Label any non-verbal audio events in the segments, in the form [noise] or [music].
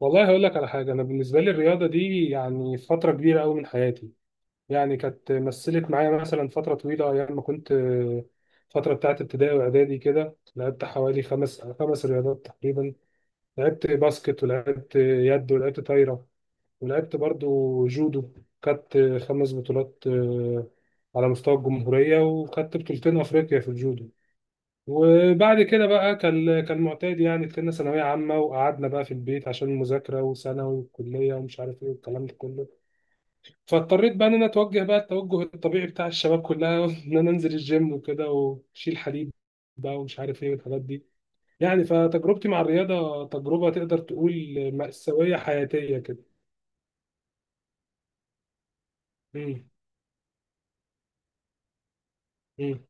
والله هقول لك على حاجة. أنا بالنسبة لي الرياضة دي يعني فترة كبيرة أوي من حياتي. يعني كانت مثلت معايا مثلا فترة طويلة أيام ما كنت، فترة بتاعت ابتدائي وإعدادي كده لعبت حوالي خمس رياضات تقريبا. لعبت باسكت ولعبت يد ولعبت طايرة، ولعبت برضو جودو. خدت خمس بطولات، على مستوى الجمهورية، وخدت بطولتين أفريقيا في الجودو. وبعد كده بقى كان معتاد يعني، دخلنا ثانوية عامة وقعدنا بقى في البيت عشان المذاكرة وثانوي وكلية ومش عارف ايه والكلام ده كله. فاضطريت بقى ان انا اتوجه بقى التوجه الطبيعي بتاع الشباب كلها [laughs] ان انا انزل الجيم وكده وشيل حديد بقى ومش عارف ايه والحاجات دي. يعني فتجربتي مع الرياضة تجربة تقدر تقول مأساوية حياتية كده. امم. امم.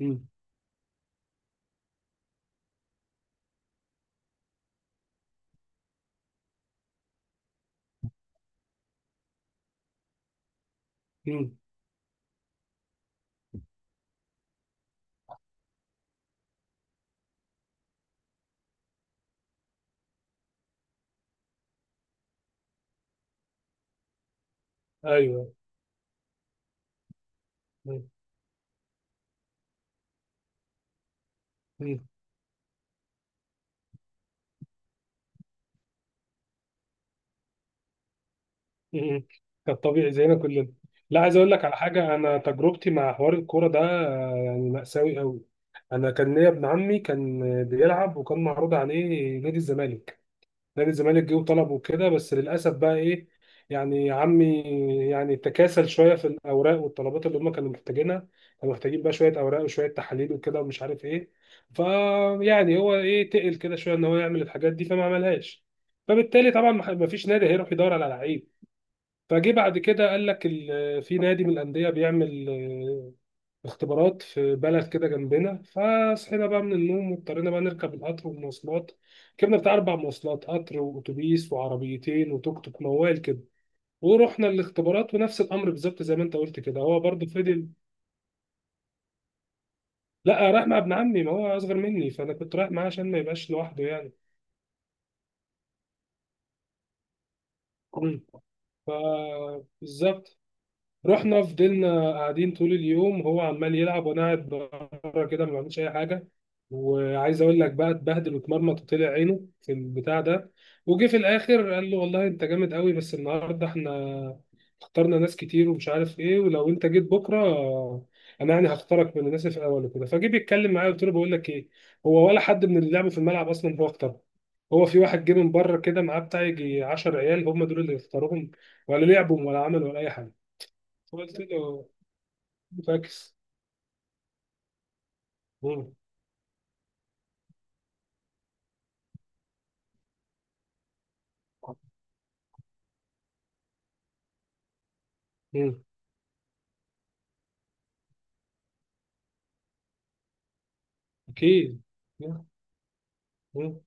امم. امم. ايوه. مم. مم. كان طبيعي زينا كلنا. لا عايز اقول لك على حاجه، انا تجربتي مع حوار الكوره ده يعني مأساوي قوي. انا كان ليا ابن عمي كان بيلعب وكان معروض عليه نادي الزمالك. نادي الزمالك جه وطلبه كده، بس للاسف بقى ايه، يعني عمي يعني تكاسل شويه في الاوراق والطلبات اللي هم كانوا محتاجينها. كانوا محتاجين بقى شويه اوراق وشويه تحاليل وكده ومش عارف ايه. فيعني هو ايه، تقل كده شويه ان هو يعمل الحاجات دي فما عملهاش. فبالتالي طبعا ما فيش نادي هيروح يدور على لعيب. فجه بعد كده قال لك في نادي من الانديه بيعمل اختبارات في بلد كده جنبنا. فصحينا بقى من النوم واضطرينا بقى نركب القطر والمواصلات. ركبنا بتاع اربع مواصلات، قطر واتوبيس وعربيتين وتوك توك موال كده. ورحنا الاختبارات ونفس الامر بالظبط زي ما انت قلت كده، هو برضه فضل. لا رايح مع ابن عمي، ما هو اصغر مني فانا كنت رايح معاه عشان ما يبقاش لوحده يعني. مم. فبالظبط، رحنا فضلنا قاعدين طول اليوم، هو عمال يلعب وانا قاعد بره كده ما بعملش اي حاجه. وعايز اقول لك بقى، اتبهدل واتمرمط وطلع عينه في البتاع ده. وجه في الاخر قال له والله انت جامد قوي بس النهارده احنا اخترنا ناس كتير ومش عارف ايه، ولو انت جيت بكره انا يعني هختارك من الناس في الاول وكده. فجه بيتكلم معايا قلت له بقول لك ايه، هو ولا حد من اللي لعبوا في الملعب اصلا هو اختاره. هو في واحد جه من بره كده معاه بتاع يجي 10 عيال هم دول اللي اختاروهم. ولا لعبوا ولا عملوا ولا اي حاجه. قلت له فاكس. مم. مم. أكيد. مم. مم.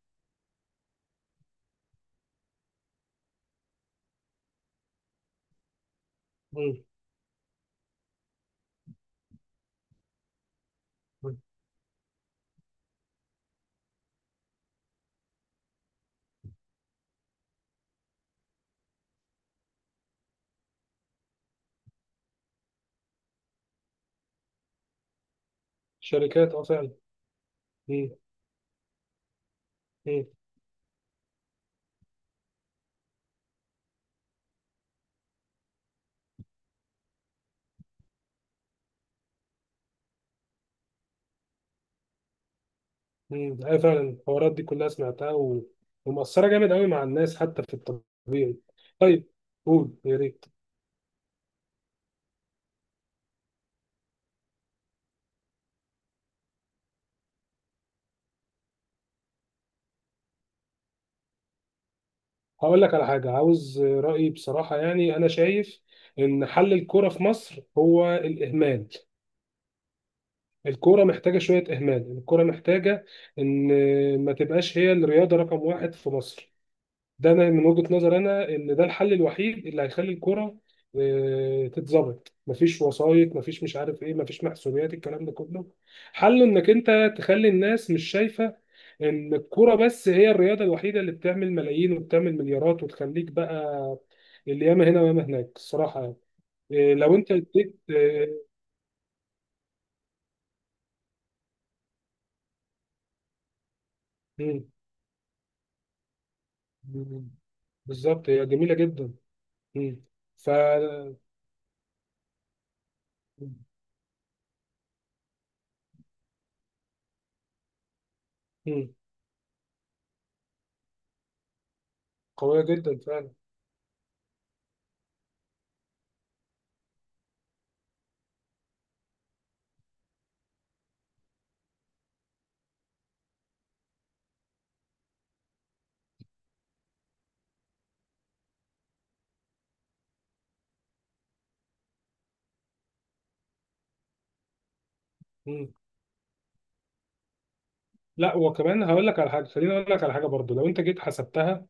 مم. مم. شركات، أه فعلا. مم. مم. مم. أيوة فعلا، الحوارات دي كلها سمعتها، و... ومؤثرة جامد أوي مع الناس حتى في الطبيعي. طيب، قول يا ريت. هقول لك على حاجة عاوز رأيي بصراحة. يعني أنا شايف إن حل الكورة في مصر هو الإهمال. الكورة محتاجة شوية إهمال. الكورة محتاجة إن ما تبقاش هي الرياضة رقم واحد في مصر. ده انا من وجهة نظر انا ان ده الحل الوحيد اللي هيخلي الكرة تتظبط. مفيش وسايط، مفيش مش عارف ايه، مفيش محسوبيات الكلام ده كله. حله انك انت تخلي الناس مش شايفة ان الكرة بس هي الرياضة الوحيدة اللي بتعمل ملايين وبتعمل مليارات وتخليك بقى اللي ياما هنا وياما هناك، الصراحة يعني. لو انت اديت مم. مم. بالظبط هي جميلة جدا. مم. ف، مم، قوية جدا فعلا. لا وكمان هقول لك على حاجه، خليني اقول لك على حاجه برضو، لو انت جيت حسبتها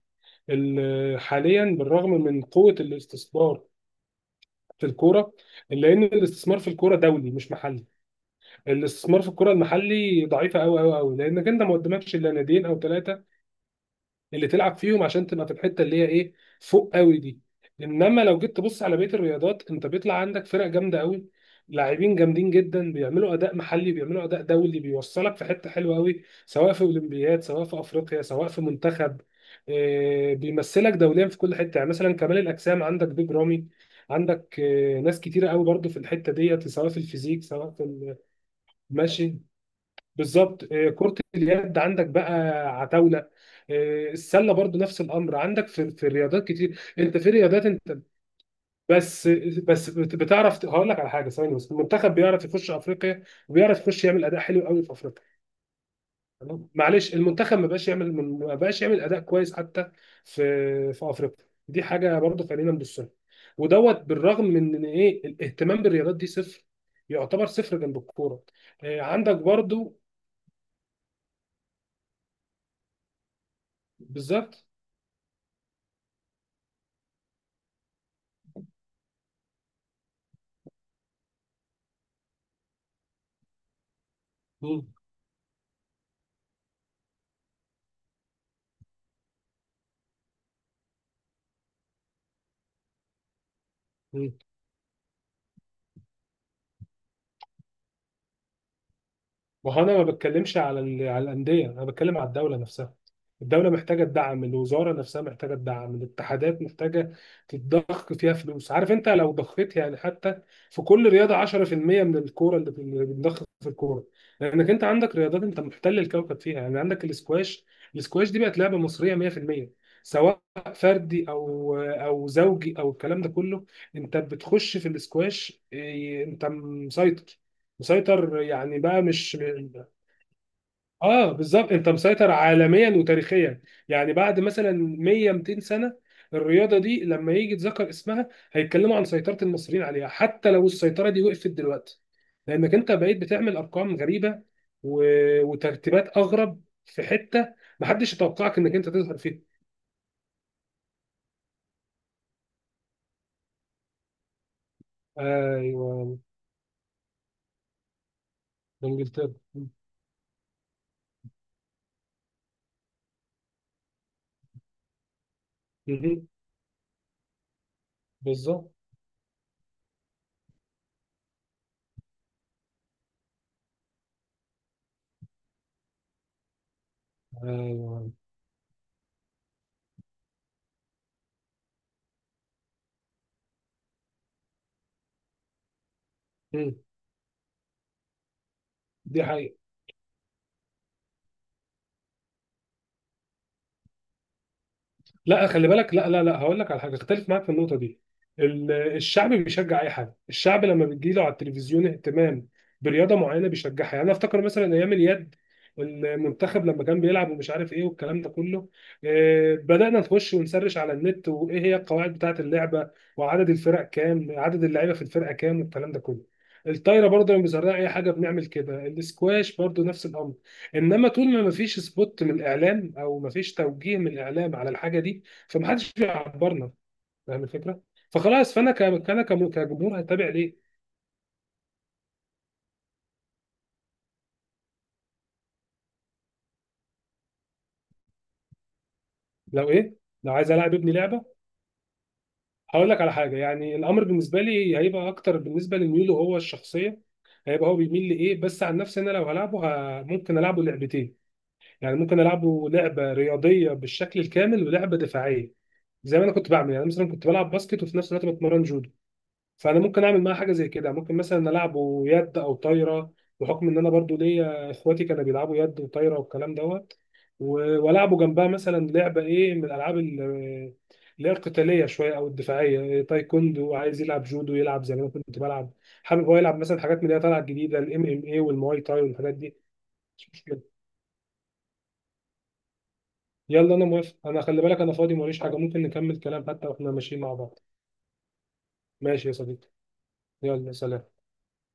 حاليا بالرغم من قوه الاستثمار في الكوره، الا ان الاستثمار في الكوره دولي مش محلي. الاستثمار في الكوره المحلي ضعيفه قوي قوي قوي، لانك انت ما قدامكش الا ناديين او ثلاثه اللي تلعب فيهم عشان تبقى في الحته اللي هي ايه، فوق قوي دي. انما لو جيت تبص على بقيه الرياضات، انت بيطلع عندك فرق جامده قوي، لاعبين جامدين جدا بيعملوا اداء محلي بيعملوا اداء دولي بيوصلك في حته حلوه قوي، سواء في اولمبياد سواء في افريقيا سواء في منتخب، بيمثلك دوليا في كل حته. يعني مثلا كمال الاجسام عندك بيج رامي، عندك ناس كتيره قوي برضو في الحته ديت، سواء في الفيزيك سواء في المشي. بالظبط. كرة اليد عندك بقى عتاولة. السلة برضو نفس الأمر. عندك في في الرياضات كتير أنت، في رياضات أنت بس بتعرف هقول لك على حاجة ثواني بس، المنتخب بيعرف يخش أفريقيا وبيعرف يخش يعمل أداء حلو قوي في أفريقيا. تمام؟ معلش، المنتخب ما بقاش يعمل أداء كويس حتى في في أفريقيا. دي حاجة برضو خلينا نبص لها. ودوت بالرغم من إن إيه، الاهتمام بالرياضات دي صفر، يعتبر صفر جنب الكورة. عندك برضو بالظبط. مم. ما هو انا ما بتكلمش على على الانديه، انا بتكلم على الدوله نفسها. الدوله محتاجه الدعم، الوزاره نفسها محتاجه الدعم، الاتحادات محتاجه تتضخ فيها فلوس. عارف انت لو ضخيت يعني حتى في كل رياضه 10% من الكوره اللي بنضخ في الكوره، لانك انت عندك رياضات انت محتل الكوكب فيها. يعني عندك الاسكواش، الاسكواش دي بقت لعبه مصريه 100%، سواء فردي او زوجي او الكلام ده كله. انت بتخش في الاسكواش إيه، انت مسيطر. مسيطر يعني بقى مش، اه بالظبط، انت مسيطر عالميا وتاريخيا. يعني بعد مثلا 100 200 سنه، الرياضه دي لما يجي يتذكر اسمها هيتكلموا عن سيطره المصريين عليها، حتى لو السيطره دي وقفت دلوقتي، لانك انت بقيت بتعمل ارقام غريبه، و... وترتيبات اغرب في حته محدش يتوقعك انك انت تظهر فيها. ايوه. انجلترا. مهم. بالظبط. ايوه. مم. دي حقيقة. لا خلي بالك، لا لا لا هقول لك على حاجه، اختلف معاك في النقطه دي. الشعب بيشجع اي حاجه. الشعب لما بتجي له على التلفزيون اهتمام برياضه معينه بيشجعها. يعني انا افتكر مثلا ايام اليد، المنتخب لما كان بيلعب ومش عارف ايه والكلام ده كله، بدانا نخش ونسرش على النت وايه هي القواعد بتاعه اللعبه وعدد الفرق كام عدد اللعيبه في الفرقه كام والكلام ده كله. الطايره برضه لما بيزرعوا اي حاجه بنعمل كده. الاسكواش برضه نفس الامر. انما طول ما مفيش سبوت من الاعلام او مفيش توجيه من الاعلام على الحاجه دي، فمحدش بيعبرنا. فاهم الفكره. فخلاص فانا كجمهور هتابع ليه. لو ايه؟ لو عايز العب ابني لعبه، هقول لك على حاجه. يعني الامر بالنسبه لي هيبقى اكتر بالنسبه لميوله هو الشخصيه، هيبقى هو بيميل لايه. بس عن نفسي انا لو هلعبه، ممكن العبه لعبتين. يعني ممكن العبه لعبه رياضيه بالشكل الكامل ولعبه دفاعيه، زي ما انا كنت بعمل. يعني مثلا كنت بلعب باسكت وفي نفس الوقت بتمرن جودو. فانا ممكن اعمل معاه حاجه زي كده، ممكن مثلا العبه يد او طايره، بحكم ان انا برضو ليا اخواتي كانوا بيلعبوا يد وطايره والكلام دوت. والعبوا جنبها مثلا لعبه ايه من الالعاب اللي هي القتاليه شويه او الدفاعيه، إيه، تايكوندو. عايز يلعب جودو يلعب زي ما انا كنت بلعب. حابب هو يلعب مثلا حاجات من اللي هي طالعه الجديده، الام ام اي والمواي تاي والحاجات دي. مش مشكله، يلا انا موافق. انا خلي بالك انا فاضي ماليش حاجه، ممكن نكمل كلام حتى واحنا ماشيين مع بعض. ماشي يا صديقي، يلا سلام.